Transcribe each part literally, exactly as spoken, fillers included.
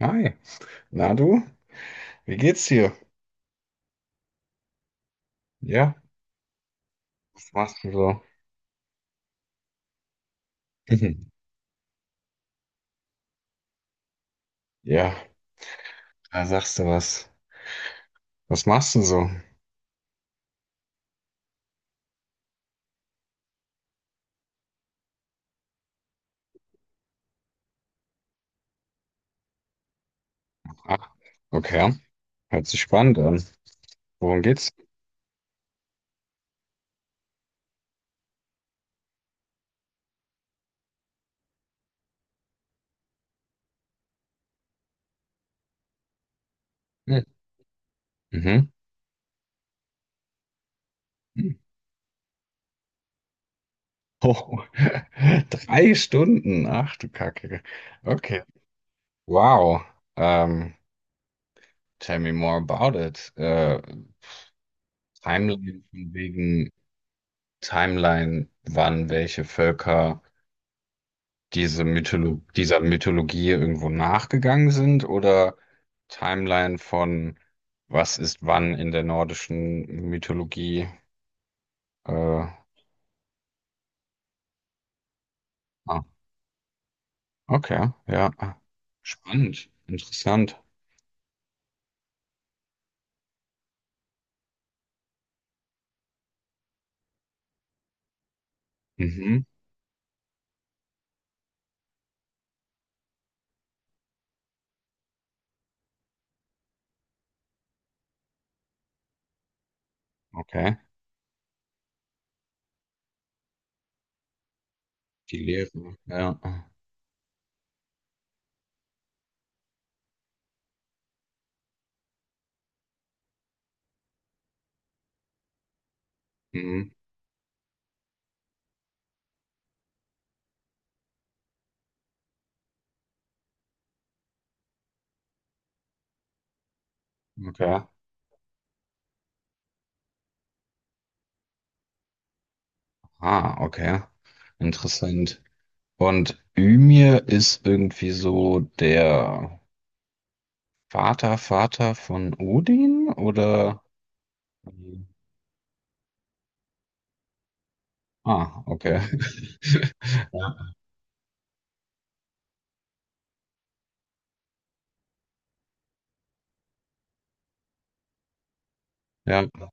Hi, na du? Wie geht's dir? Ja, was machst du so? Mhm. Ja, da sagst du was. Was machst du so? Ach, okay. Hört sich spannend an. Worum geht's? Hm. Mhm. Hm. Oh, drei Stunden. Ach du Kacke. Okay. Wow. Ähm, tell me more about it. Äh, Timeline von wegen Timeline, wann welche Völker diese Mytholo dieser Mythologie irgendwo nachgegangen sind oder Timeline von was ist wann in der nordischen Mythologie? Äh, ah, okay, ja. Spannend, interessant. Mhm, okay. Die Lehre, ja. Mhm, okay. Ah, okay. Interessant. Und Ymir ist irgendwie so der Vater, Vater von Odin oder? Ah, okay. Ja. Ja,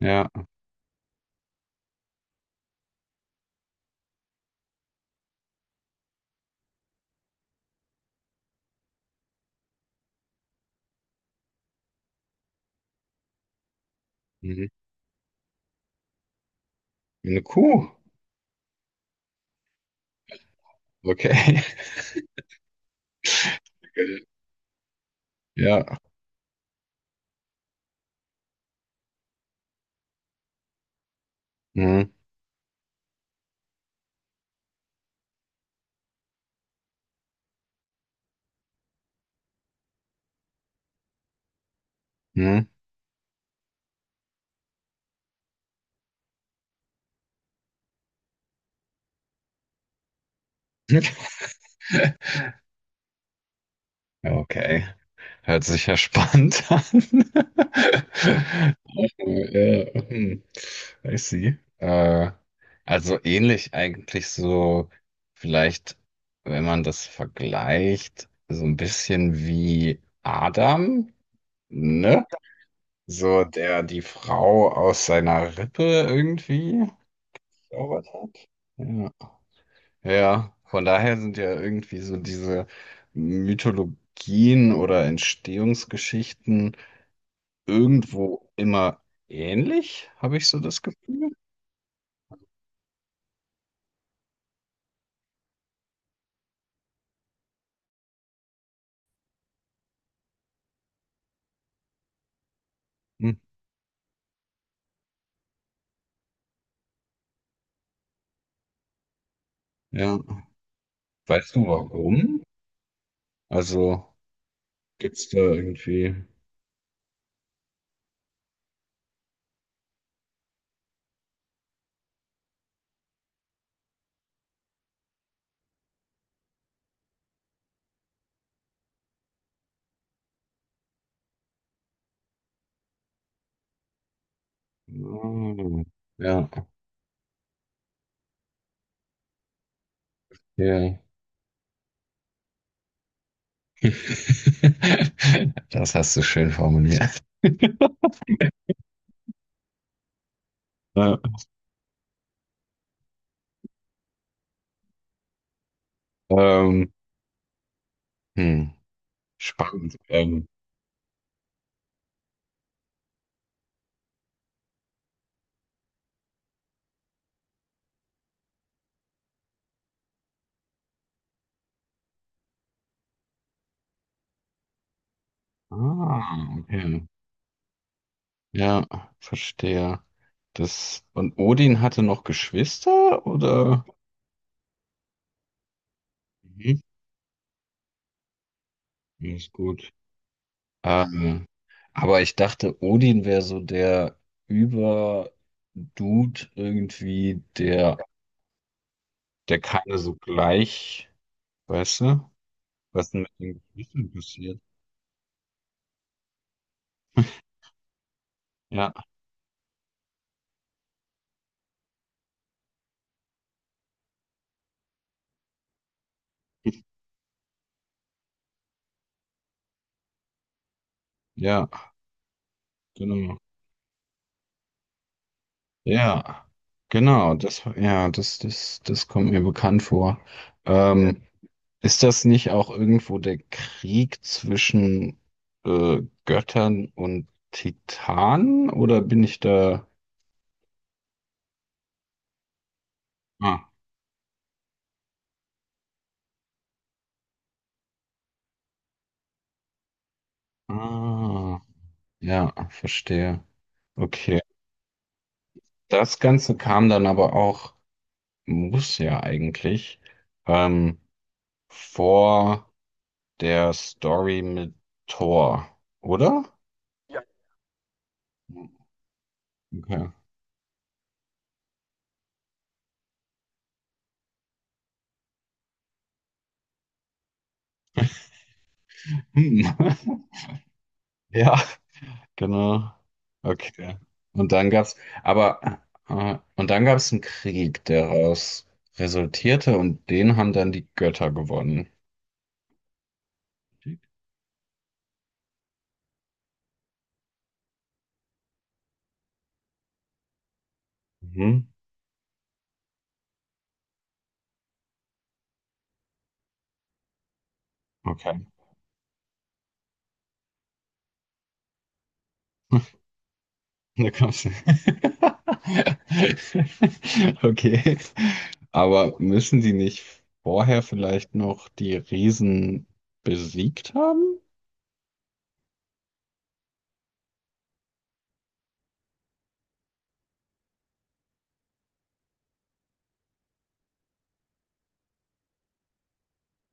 ja. Mhm. Eine Kuh. Okay. Ja. Mhm. Mhm. Okay. Hört sich ja spannend an. Ja. hm. I see. Äh, also ähnlich eigentlich so, vielleicht, wenn man das vergleicht, so ein bisschen wie Adam, ne? So, der die Frau aus seiner Rippe irgendwie zaubert hat. Ja. Ja, von daher sind ja irgendwie so diese Mythologien oder Entstehungsgeschichten irgendwo immer ähnlich, habe ich so das Gefühl. Hm. Ja. Weißt du warum? Also gibt's da irgendwie. Hm. Ja, ja. Das hast du schön formuliert. Ja. Ähm, Hm, spannend. Ähm, ah, okay. Ja, verstehe. Das, und Odin hatte noch Geschwister, oder? Mhm, ja, ist gut. Ähm, aber ich dachte, Odin wäre so der Über-Dude irgendwie, der, der keine so gleich, weißt du, was denn mit den Geschwistern passiert. Ja, ja, genau. Ja, genau, das, ja, das, das, das kommt mir bekannt vor. Ja. Ähm, ist das nicht auch irgendwo der Krieg zwischen äh, Göttern und Titanen oder bin ich da? Ah, ah, ja, verstehe. Okay. Das Ganze kam dann aber auch, muss ja eigentlich, ähm, vor der Story mit Thor, oder? Ja. Okay. Hm. Ja, genau. Okay. Und dann gab's, aber äh, und dann gab's einen Krieg, der daraus resultierte und den haben dann die Götter gewonnen. Mhm. Okay. Da kommst du. Okay. Aber müssen die nicht vorher vielleicht noch die Riesen besiegt haben?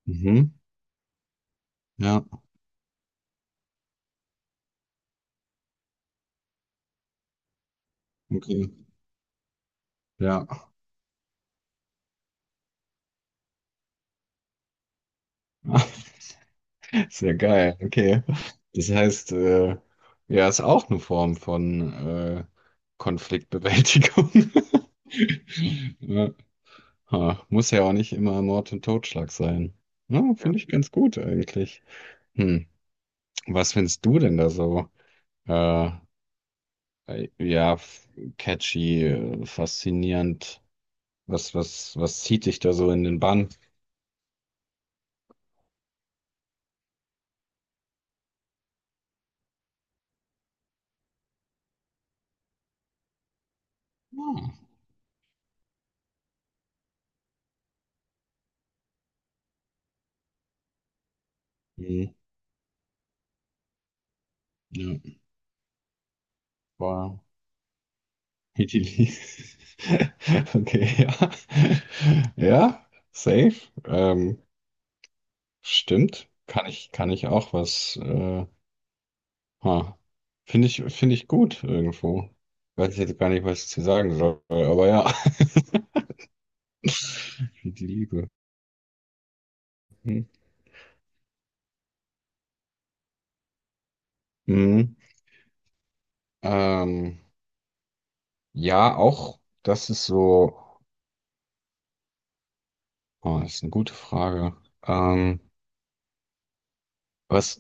Mhm. Ja, okay. Ja. Sehr geil, okay. Das heißt, äh, ja, ist auch eine Form von äh, Konfliktbewältigung. Ja. Ha, muss ja auch nicht immer Mord und Totschlag sein. Ja, Ja. Finde ich ganz gut eigentlich. Hm. Was findest du denn da so? Äh, äh, ja, f- catchy, äh, faszinierend. Was, was, was zieht dich da so in den Bann? Ah, Hm. Ja. Boah. Idili. Okay, ja. Ja, safe. Ähm, stimmt. Kann ich, kann ich auch was. Äh, ha. Finde ich, finde ich gut irgendwo. Weiß ich jetzt gar nicht, was ich zu sagen soll, aber ja. Wie die Liebe. Hm. Mhm. Ähm, ja, auch das ist so. Oh, das ist eine gute Frage. Ähm, was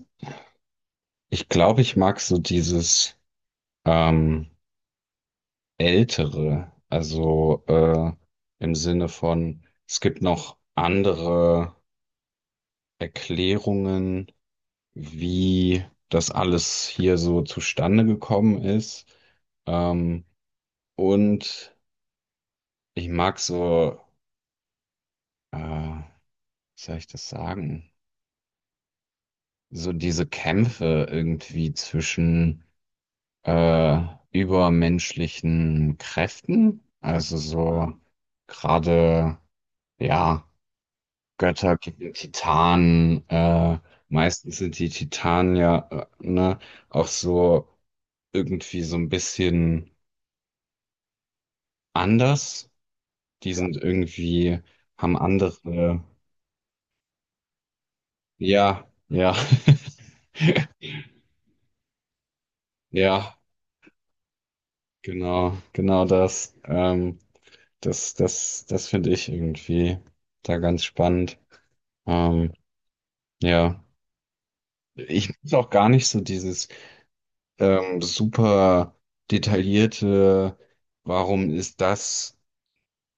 ich glaube, ich mag so dieses. Ähm, ältere, also äh, im Sinne von, es gibt noch andere Erklärungen, wie das alles hier so zustande gekommen ist. Ähm, und ich mag so, äh, wie soll ich das sagen? So diese Kämpfe irgendwie zwischen äh, übermenschlichen Kräften, also so gerade, ja Götter gegen Titanen. Äh, meistens sind die Titanen ja äh, ne, auch so irgendwie so ein bisschen anders. Die sind irgendwie, haben andere. Ja, ja. Ja, genau, genau das. Ähm, das, das, das finde ich irgendwie da ganz spannend. Ähm, ja, ich muss auch gar nicht so dieses ähm, super detaillierte, warum ist das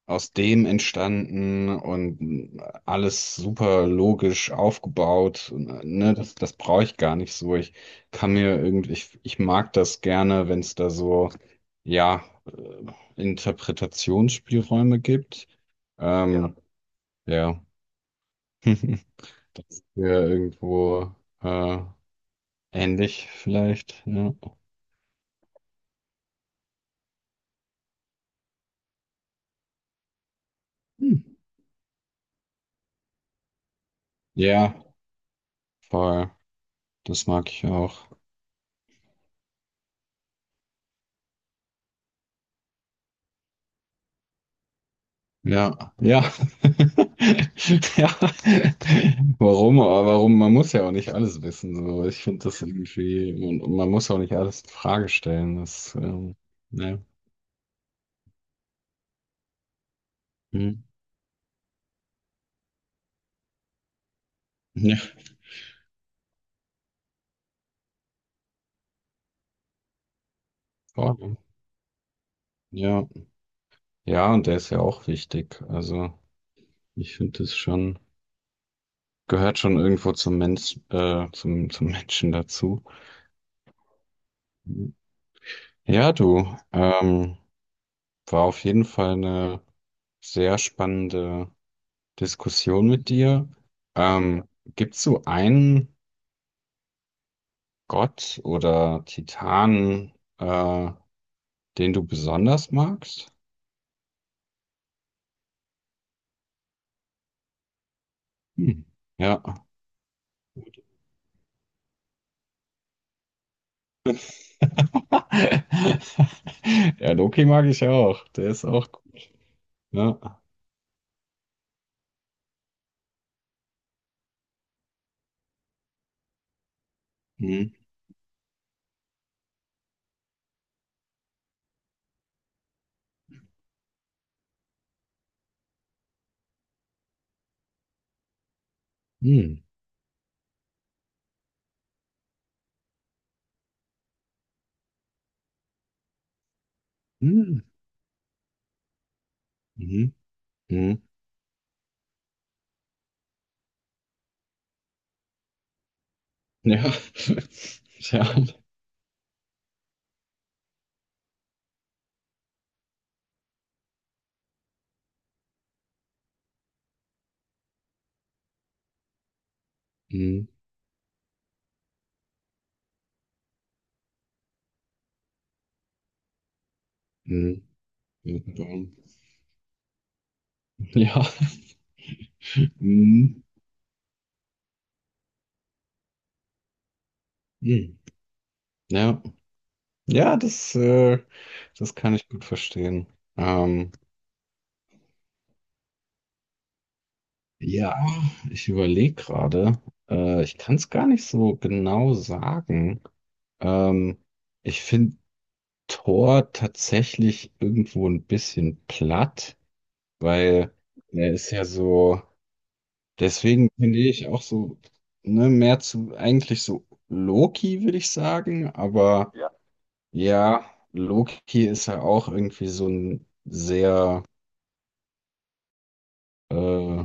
aus dem entstanden und alles super logisch aufgebaut. Ne, das, das brauche ich gar nicht so. Ich kann mir irgendwie, ich, ich mag das gerne, wenn es da so, ja, äh, Interpretationsspielräume gibt. Ja. Ähm, ja, das ist ja irgendwo äh, ähnlich vielleicht. Ja, hm. Ja, voll. Das mag ich auch. Ja, ja. Ja. Warum? Aber warum? Man muss ja auch nicht alles wissen. So. Ich finde das irgendwie, und und man muss auch nicht alles in Frage stellen. Das, ähm, ne. Hm. Ja. Voll. Ja. Ja, und der ist ja auch wichtig. Also, ich finde das schon, gehört schon irgendwo zum Mensch, äh, zum, zum Menschen dazu. Ja, du, ähm, war auf jeden Fall eine sehr spannende Diskussion mit dir. Ähm, gibt es so einen Gott oder Titan, äh, den du besonders magst? Hm. Ja. Ja, Loki mag ich auch. Der ist auch gut. Ja. Hm. Hm. Hm. Mhm. Hm. Ja. Ja. Hm. Hm. Ja. Hm. Hm. Ja. Ja, das, äh, das kann ich gut verstehen. Ähm, Ja, ich überlege gerade. Äh, ich kann es gar nicht so genau sagen. Ähm, ich finde Thor tatsächlich irgendwo ein bisschen platt, weil er ist ja so, deswegen finde ich auch so, ne, mehr zu, eigentlich so Loki, würde ich sagen, aber Ja. Ja, Loki ist ja auch irgendwie so ein sehr äh,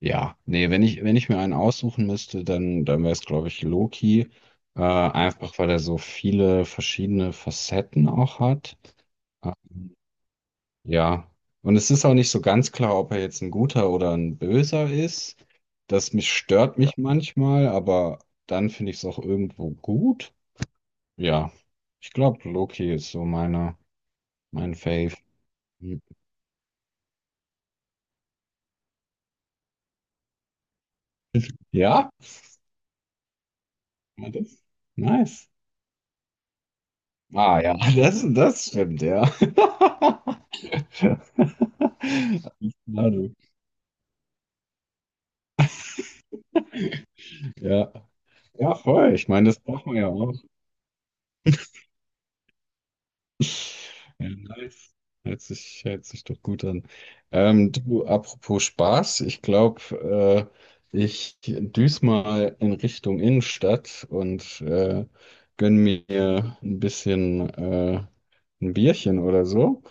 Ja, nee, wenn ich, wenn ich mir einen aussuchen müsste, dann, dann wäre es, glaube ich, Loki. Äh, einfach weil er so viele verschiedene Facetten auch hat. Ähm, ja. Und es ist auch nicht so ganz klar, ob er jetzt ein guter oder ein böser ist. Das mich stört mich manchmal, aber dann finde ich es auch irgendwo gut. Ja, ich glaube, Loki ist so meine, mein Fave. Ja, ja, das, nice. Ah ja, das, das stimmt, ja. Ja. Alles klar, du. Ja. Ja, voll. Ich meine, das braucht man ja auch. Ja, nice. Hört sich, hört sich doch gut an. Ähm, du, apropos Spaß, ich glaube, äh, ich düse mal in Richtung Innenstadt und äh, gönn mir ein bisschen äh, ein Bierchen oder so.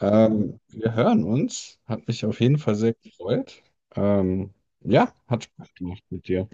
Ähm, wir hören uns. Hat mich auf jeden Fall sehr gefreut. Ähm, ja, hat Spaß gemacht mit dir.